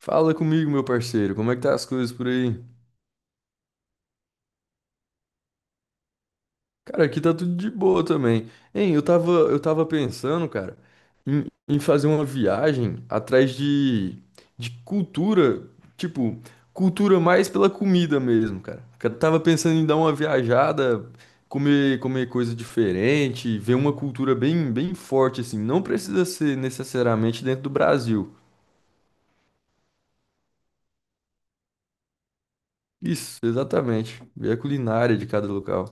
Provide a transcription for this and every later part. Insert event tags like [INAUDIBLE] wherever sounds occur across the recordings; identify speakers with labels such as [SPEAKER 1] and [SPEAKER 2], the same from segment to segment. [SPEAKER 1] Fala comigo, meu parceiro, como é que tá as coisas por aí? Cara, aqui tá tudo de boa também. Hein, eu tava pensando, cara, em fazer uma viagem atrás de cultura, tipo, cultura mais pela comida mesmo, cara. Eu tava pensando em dar uma viajada, comer coisa diferente, ver uma cultura bem forte, assim. Não precisa ser necessariamente dentro do Brasil. Isso, exatamente. Ver a culinária de cada local.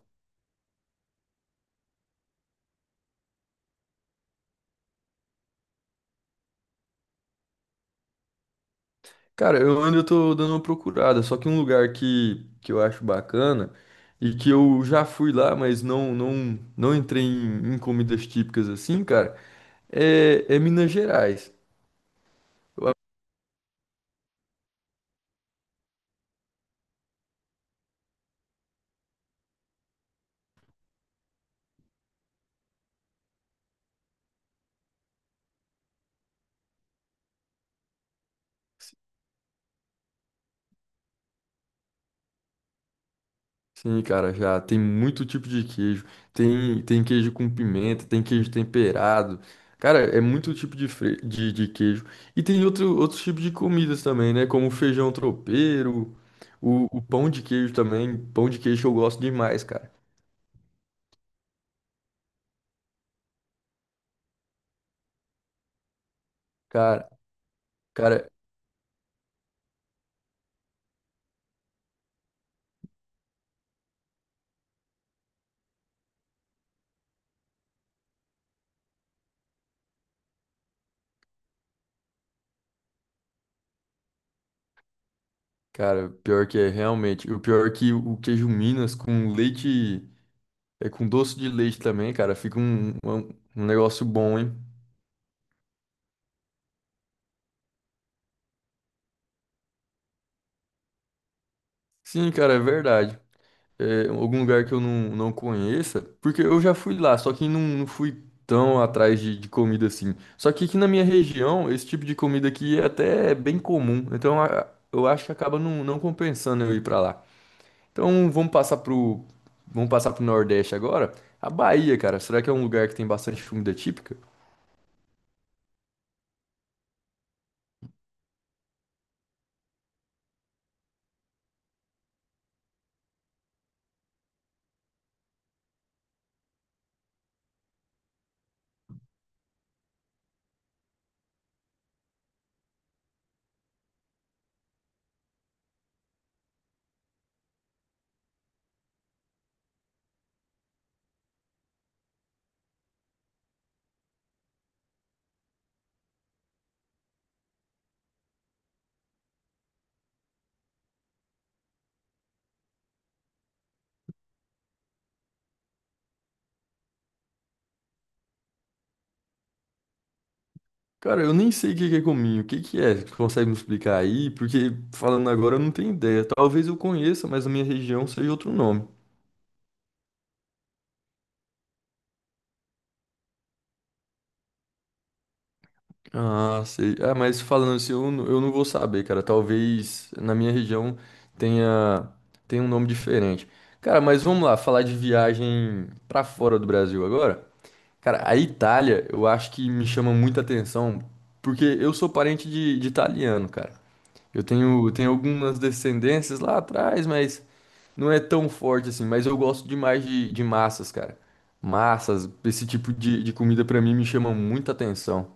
[SPEAKER 1] Cara, eu ainda tô dando uma procurada, só que um lugar que eu acho bacana e que eu já fui lá, mas não entrei em comidas típicas assim, cara, é Minas Gerais. Sim, cara, já tem muito tipo de queijo. Tem queijo com pimenta, tem queijo temperado. Cara, é muito tipo de queijo. E tem outros tipos de comidas também, né? Como feijão tropeiro, o pão de queijo também. Pão de queijo eu gosto demais, cara. Cara, cara, Cara, pior que é, realmente. O pior é que o queijo Minas com leite, é com doce de leite também, cara, fica um negócio bom, hein? Sim, cara, é verdade. É, algum lugar que eu não conheça, porque eu já fui lá, só que não fui tão atrás de comida assim. Só que aqui na minha região, esse tipo de comida aqui é até bem comum, então eu acho que acaba não compensando eu ir pra lá. Então vamos passar pro Nordeste agora. A Bahia, cara, será que é um lugar que tem bastante comida típica? Cara, eu nem sei o que que é cominho, o que que é? Você consegue me explicar aí? Porque falando agora eu não tenho ideia. Talvez eu conheça, mas a minha região seja outro nome. Ah, sei. Ah, mas falando assim, eu não vou saber, cara. Talvez na minha região tenha, tenha um nome diferente. Cara, mas vamos lá, falar de viagem pra fora do Brasil agora. Cara, a Itália, eu acho que me chama muita atenção, porque eu sou parente de italiano, cara. Eu tenho algumas descendências lá atrás, mas não é tão forte assim. Mas eu gosto demais de massas, cara. Massas, esse tipo de comida pra mim me chama muita atenção.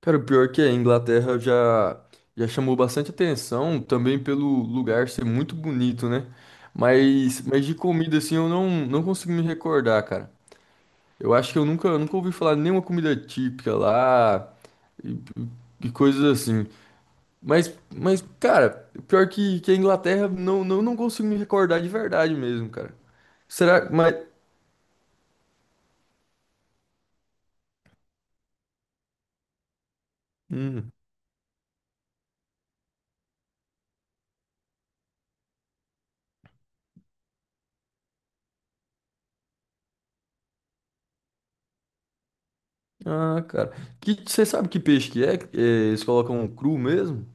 [SPEAKER 1] Cara, o pior que a Inglaterra já chamou bastante atenção, também pelo lugar ser muito bonito, né? Mas de comida, assim, eu não consigo me recordar, cara. Eu acho que eu nunca ouvi falar de nenhuma comida típica lá e, e coisas assim. Mas, mas, cara, pior que a Inglaterra, não consigo me recordar de verdade mesmo, cara. Será, mas. Hum. Ah, cara. Você sabe que peixe que é? É. Eles colocam cru mesmo?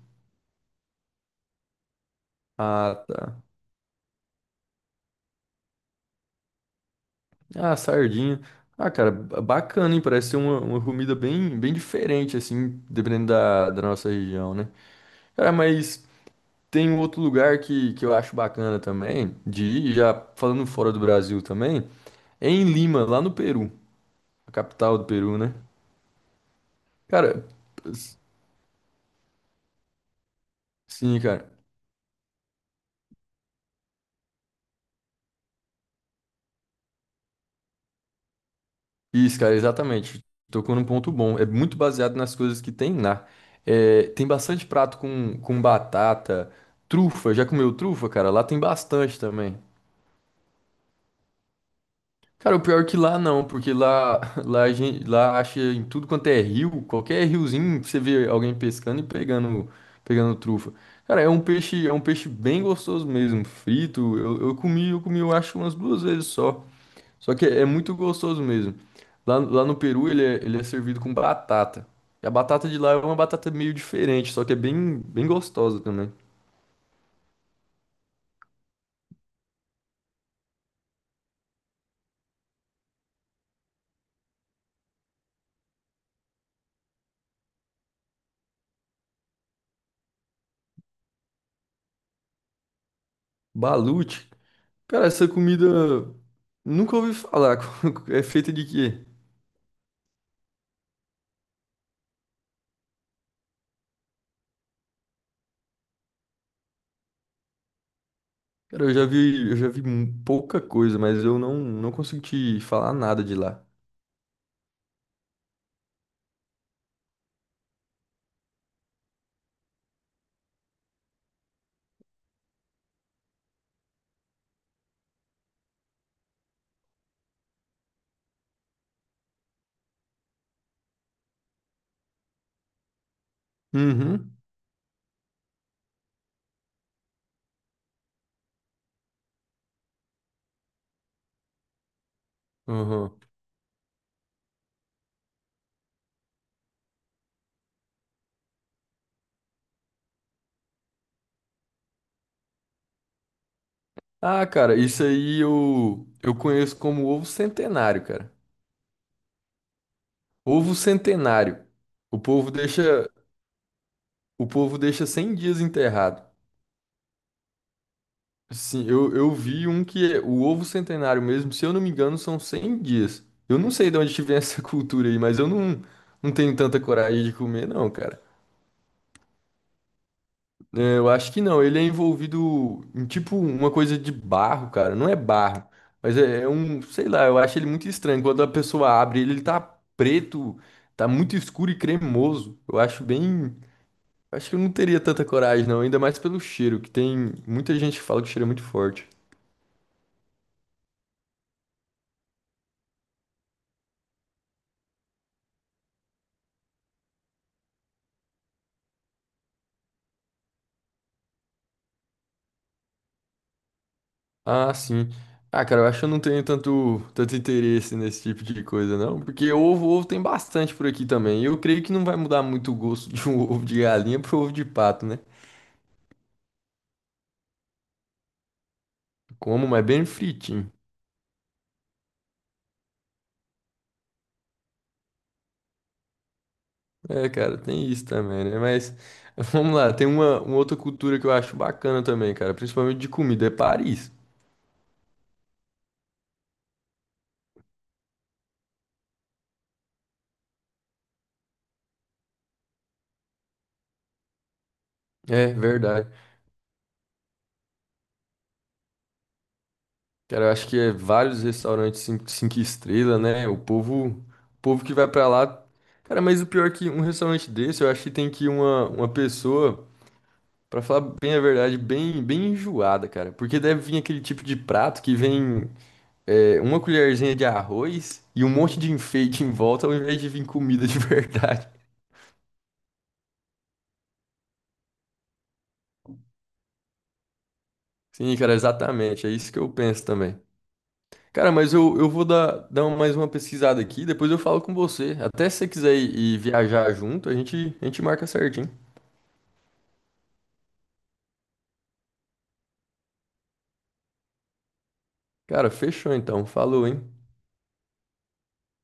[SPEAKER 1] Ah, tá. Ah, sardinha. Ah, cara, bacana, hein? Parece ser uma comida bem diferente, assim, dependendo da nossa região, né? Cara, mas. Tem um outro lugar que eu acho bacana também, de ir, já falando fora do Brasil também, é em Lima, lá no Peru, a capital do Peru, né? Cara, s- sim, cara. Isso, cara, exatamente. Tocou num ponto bom. É muito baseado nas coisas que tem lá. É, tem bastante prato com batata, trufa. Já comeu trufa, cara? Lá tem bastante também. Cara, o pior é que lá não, porque lá, [LAUGHS] lá, lá acha em tudo quanto é rio, qualquer riozinho você vê alguém pescando e pegando, trufa. Cara, é um peixe bem gostoso mesmo, frito. Eu comi, eu acho umas duas vezes só. Só que é, muito gostoso mesmo. Lá no Peru ele é servido com batata. E a batata de lá é uma batata meio diferente, só que é bem gostosa também. Balut, cara, essa comida nunca ouvi falar. [LAUGHS] É feita de quê? Cara, eu já vi pouca coisa, mas eu não consegui te falar nada de lá. Uhum. Uhum. Ah, cara, isso aí eu conheço como ovo centenário, cara. Ovo centenário. O povo deixa, o povo deixa 100 dias enterrado. Sim, eu vi um que é o ovo centenário mesmo, se eu não me engano, são 100 dias. Eu não sei de onde que vem essa [LAUGHS] cultura aí, mas eu não tenho tanta coragem de comer, não, cara. É, eu acho que não. Ele é envolvido em tipo uma coisa de barro, cara. Não é barro, mas é um, sei lá, eu acho ele muito estranho. Quando a pessoa abre ele, ele tá preto, tá muito escuro e cremoso. Eu acho bem. Acho que eu não teria tanta coragem, não. Ainda mais pelo cheiro, que tem muita gente que fala que o cheiro é muito forte. Ah, sim. Ah, cara, eu acho que eu não tenho tanto, tanto interesse nesse tipo de coisa, não. Porque ovo tem bastante por aqui também. E eu creio que não vai mudar muito o gosto de um [LAUGHS] ovo de galinha pro ovo de pato, né? Como, mas bem fritinho. É, cara, tem isso também, né? Mas [LAUGHS] vamos lá, tem uma outra cultura que eu acho bacana também, cara, principalmente de comida, é Paris. É, verdade. Cara, eu acho que é vários restaurantes cinco estrelas, né? O povo que vai pra lá. Cara, mas o pior é que um restaurante desse, eu acho que tem que ir uma pessoa, pra falar bem a verdade, bem enjoada, cara. Porque deve vir aquele tipo de prato que vem. É, uma colherzinha de arroz e um monte de enfeite em volta ao invés de vir comida de [LAUGHS] verdade. Sim, cara, exatamente. É isso que eu penso também. Cara, mas eu vou dar mais uma pesquisada aqui, depois eu falo com você. Até se você quiser ir viajar junto, a gente marca certinho. Cara, fechou então. Falou, hein?